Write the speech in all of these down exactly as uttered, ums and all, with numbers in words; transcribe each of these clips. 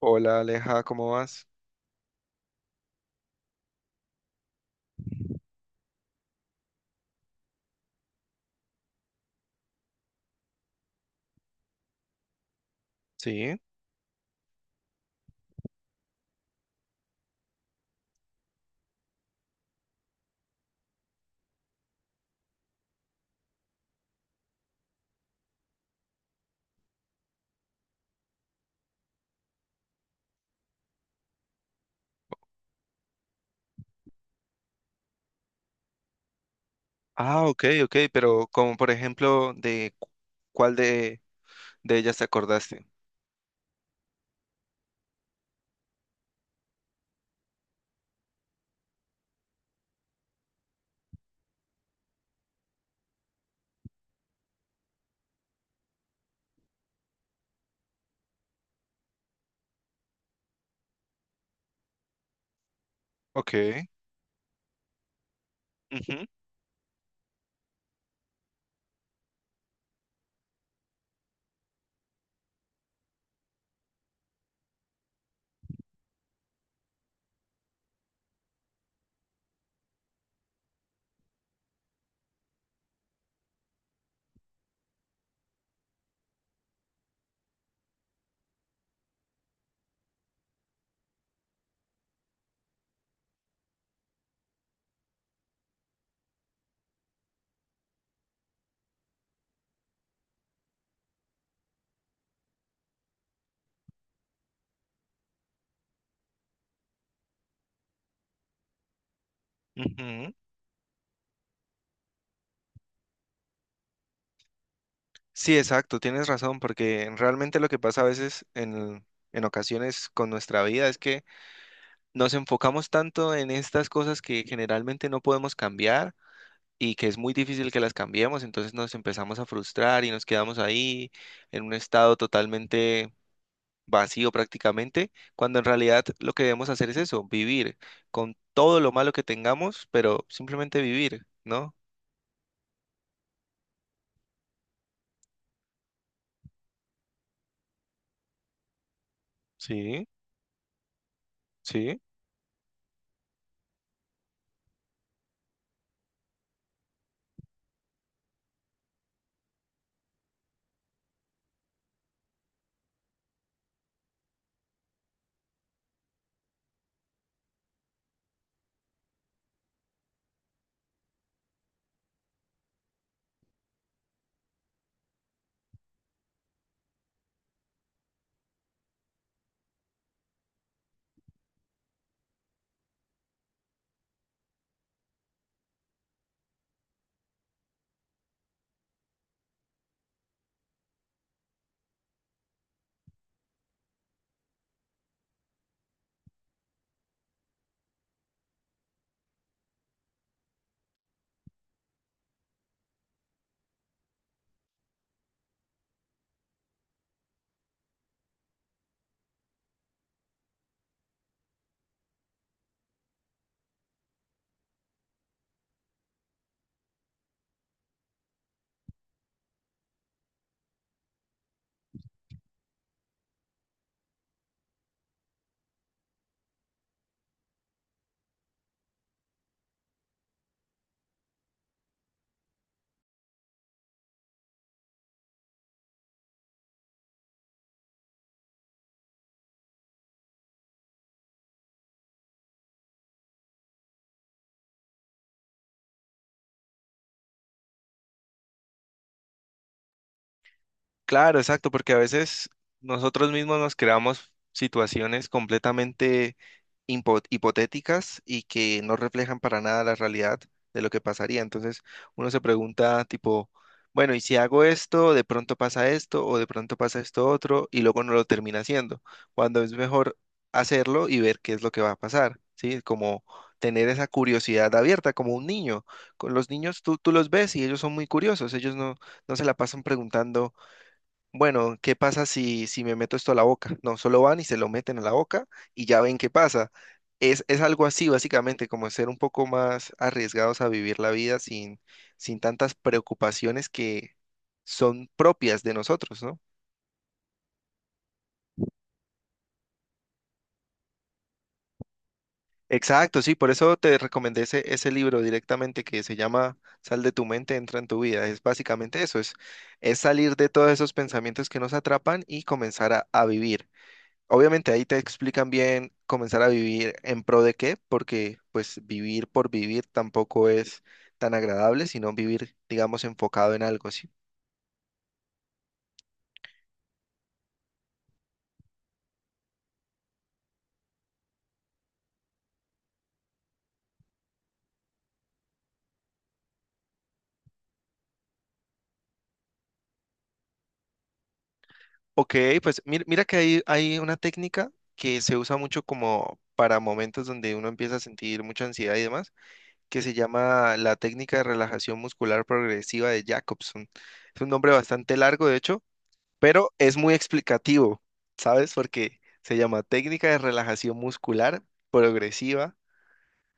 Hola Aleja, ¿cómo vas? Sí. Ah, ok, ok, pero como por ejemplo, ¿de cu- ¿cuál de, de ellas te acordaste? Ok. Ujú, ujú. Sí, exacto, tienes razón, porque realmente lo que pasa a veces en, en ocasiones con nuestra vida es que nos enfocamos tanto en estas cosas que generalmente no podemos cambiar y que es muy difícil que las cambiemos, entonces nos empezamos a frustrar y nos quedamos ahí en un estado totalmente vacío prácticamente, cuando en realidad lo que debemos hacer es eso, vivir con todo lo malo que tengamos, pero simplemente vivir, ¿no? Sí, sí. Claro, exacto, porque a veces nosotros mismos nos creamos situaciones completamente impo- hipotéticas y que no reflejan para nada la realidad de lo que pasaría. Entonces uno se pregunta tipo, bueno, ¿y si hago esto, de pronto pasa esto o de pronto pasa esto otro y luego no lo termina haciendo? Cuando es mejor hacerlo y ver qué es lo que va a pasar, ¿sí? Como tener esa curiosidad abierta, como un niño. Con los niños tú, tú los ves y ellos son muy curiosos, ellos no, no se la pasan preguntando. Bueno, ¿qué pasa si, si me meto esto a la boca? No, solo van y se lo meten a la boca y ya ven qué pasa. Es, es algo así, básicamente, como ser un poco más arriesgados a vivir la vida sin, sin tantas preocupaciones que son propias de nosotros, ¿no? Exacto, sí, por eso te recomendé ese, ese libro directamente que se llama Sal de tu mente, entra en tu vida. Es básicamente eso, es, es salir de todos esos pensamientos que nos atrapan y comenzar a a vivir. Obviamente ahí te explican bien comenzar a vivir en pro de qué, porque pues vivir por vivir tampoco es tan agradable, sino vivir, digamos, enfocado en algo, ¿sí? Ok, pues mira, mira que hay, hay una técnica que se usa mucho como para momentos donde uno empieza a sentir mucha ansiedad y demás, que se llama la técnica de relajación muscular progresiva de Jacobson. Es un nombre bastante largo, de hecho, pero es muy explicativo, ¿sabes? Porque se llama técnica de relajación muscular progresiva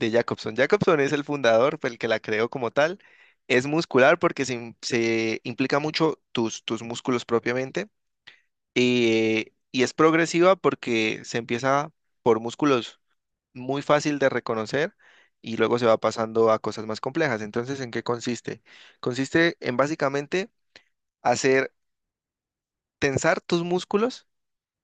de Jacobson. Jacobson es el fundador, fue el que la creó como tal. Es muscular porque se, im- se implica mucho tus, tus músculos propiamente eh, y es progresiva porque se empieza por músculos muy fácil de reconocer y luego se va pasando a cosas más complejas. Entonces, ¿en qué consiste? Consiste en básicamente hacer tensar tus músculos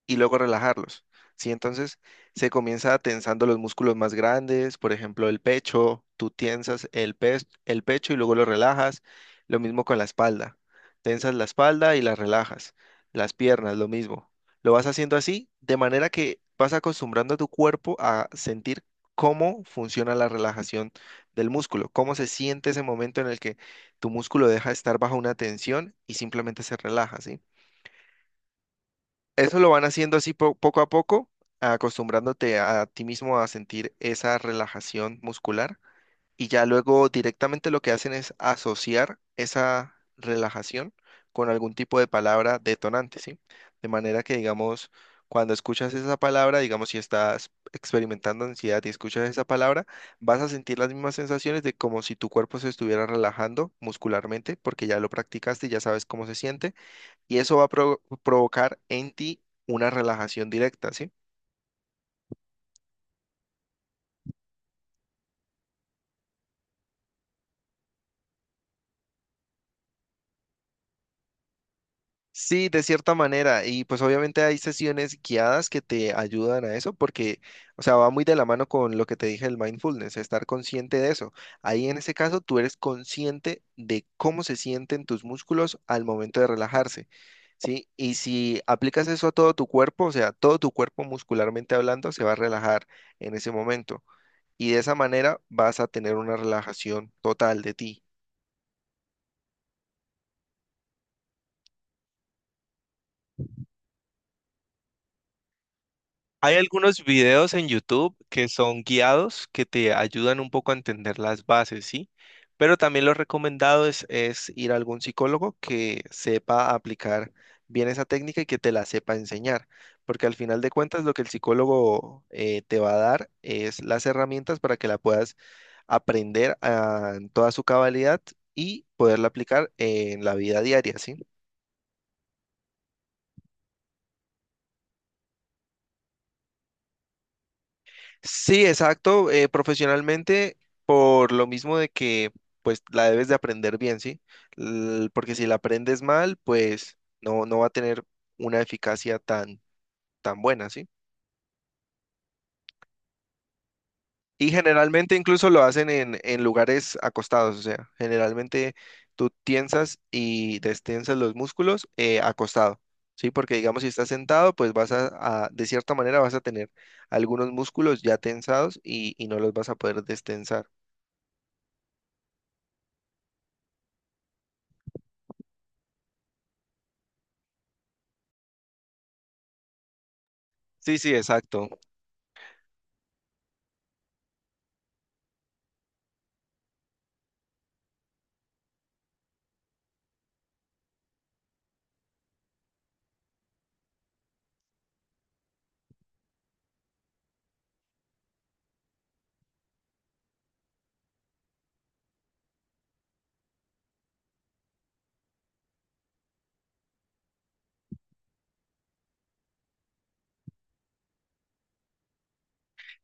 y luego relajarlos. ¿Sí? Entonces se comienza tensando los músculos más grandes, por ejemplo, el pecho, tú tensas el, pe- el pecho y luego lo relajas. Lo mismo con la espalda. Tensas la espalda y la relajas. Las piernas, lo mismo. Lo vas haciendo así, de manera que vas acostumbrando a tu cuerpo a sentir cómo funciona la relajación del músculo, cómo se siente ese momento en el que tu músculo deja de estar bajo una tensión y simplemente se relaja, ¿sí? Eso lo van haciendo así po- poco a poco, acostumbrándote a ti mismo a sentir esa relajación muscular y ya luego directamente lo que hacen es asociar esa relajación con algún tipo de palabra detonante, ¿sí? De manera que, digamos, cuando escuchas esa palabra, digamos, si estás experimentando ansiedad y escuchas esa palabra, vas a sentir las mismas sensaciones de como si tu cuerpo se estuviera relajando muscularmente porque ya lo practicaste, ya sabes cómo se siente y eso va a pro- provocar en ti una relajación directa, ¿sí? Sí, de cierta manera, y pues obviamente hay sesiones guiadas que te ayudan a eso, porque, o sea, va muy de la mano con lo que te dije del mindfulness, estar consciente de eso. Ahí en ese caso tú eres consciente de cómo se sienten tus músculos al momento de relajarse, ¿sí? Y si aplicas eso a todo tu cuerpo, o sea, todo tu cuerpo muscularmente hablando se va a relajar en ese momento, y de esa manera vas a tener una relajación total de ti. Hay algunos videos en YouTube que son guiados que te ayudan un poco a entender las bases, ¿sí? Pero también lo recomendado es, es ir a algún psicólogo que sepa aplicar bien esa técnica y que te la sepa enseñar, porque al final de cuentas lo que el psicólogo eh, te va a dar es las herramientas para que la puedas aprender ah, en toda su cabalidad y poderla aplicar en la vida diaria, ¿sí? Sí, exacto, eh, profesionalmente por lo mismo de que pues la debes de aprender bien, ¿sí? L- porque si la aprendes mal, pues no, no va a tener una eficacia tan, tan buena, ¿sí? Y generalmente incluso lo hacen en, en lugares acostados, o sea, generalmente tú tiensas y destensas los músculos eh, acostado, ¿sí? Porque digamos si estás sentado, pues vas a, a- de cierta manera vas a tener algunos músculos ya tensados y, y no los vas a poder destensar. Sí, sí, exacto.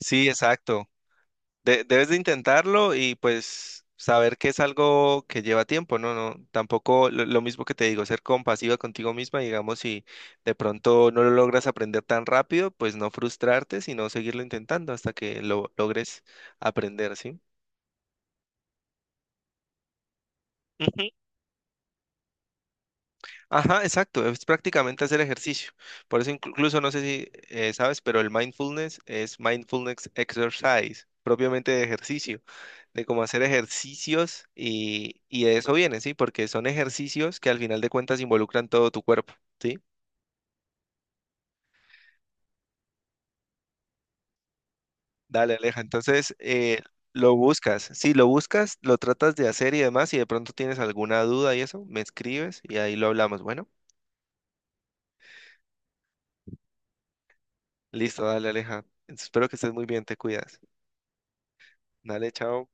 Sí, exacto. De- debes de intentarlo y pues saber que es algo que lleva tiempo, ¿no? No, tampoco lo, lo mismo que te digo, ser compasiva contigo misma, digamos, si de pronto no lo logras aprender tan rápido, pues no frustrarte, sino seguirlo intentando hasta que lo logres aprender, ¿sí? Ajá, exacto, es prácticamente hacer ejercicio. Por eso inclu- incluso no sé si eh, sabes, pero el mindfulness es mindfulness exercise, propiamente de ejercicio, de cómo hacer ejercicios y, y de eso viene, ¿sí? Porque son ejercicios que al final de cuentas involucran todo tu cuerpo, ¿sí? Dale, Aleja, entonces eh, lo buscas, sí, lo buscas, lo tratas de hacer y demás, y de pronto tienes alguna duda y eso, me escribes y ahí lo hablamos. Bueno, listo, dale, Aleja. Espero que estés muy bien, te cuidas. Dale, chao.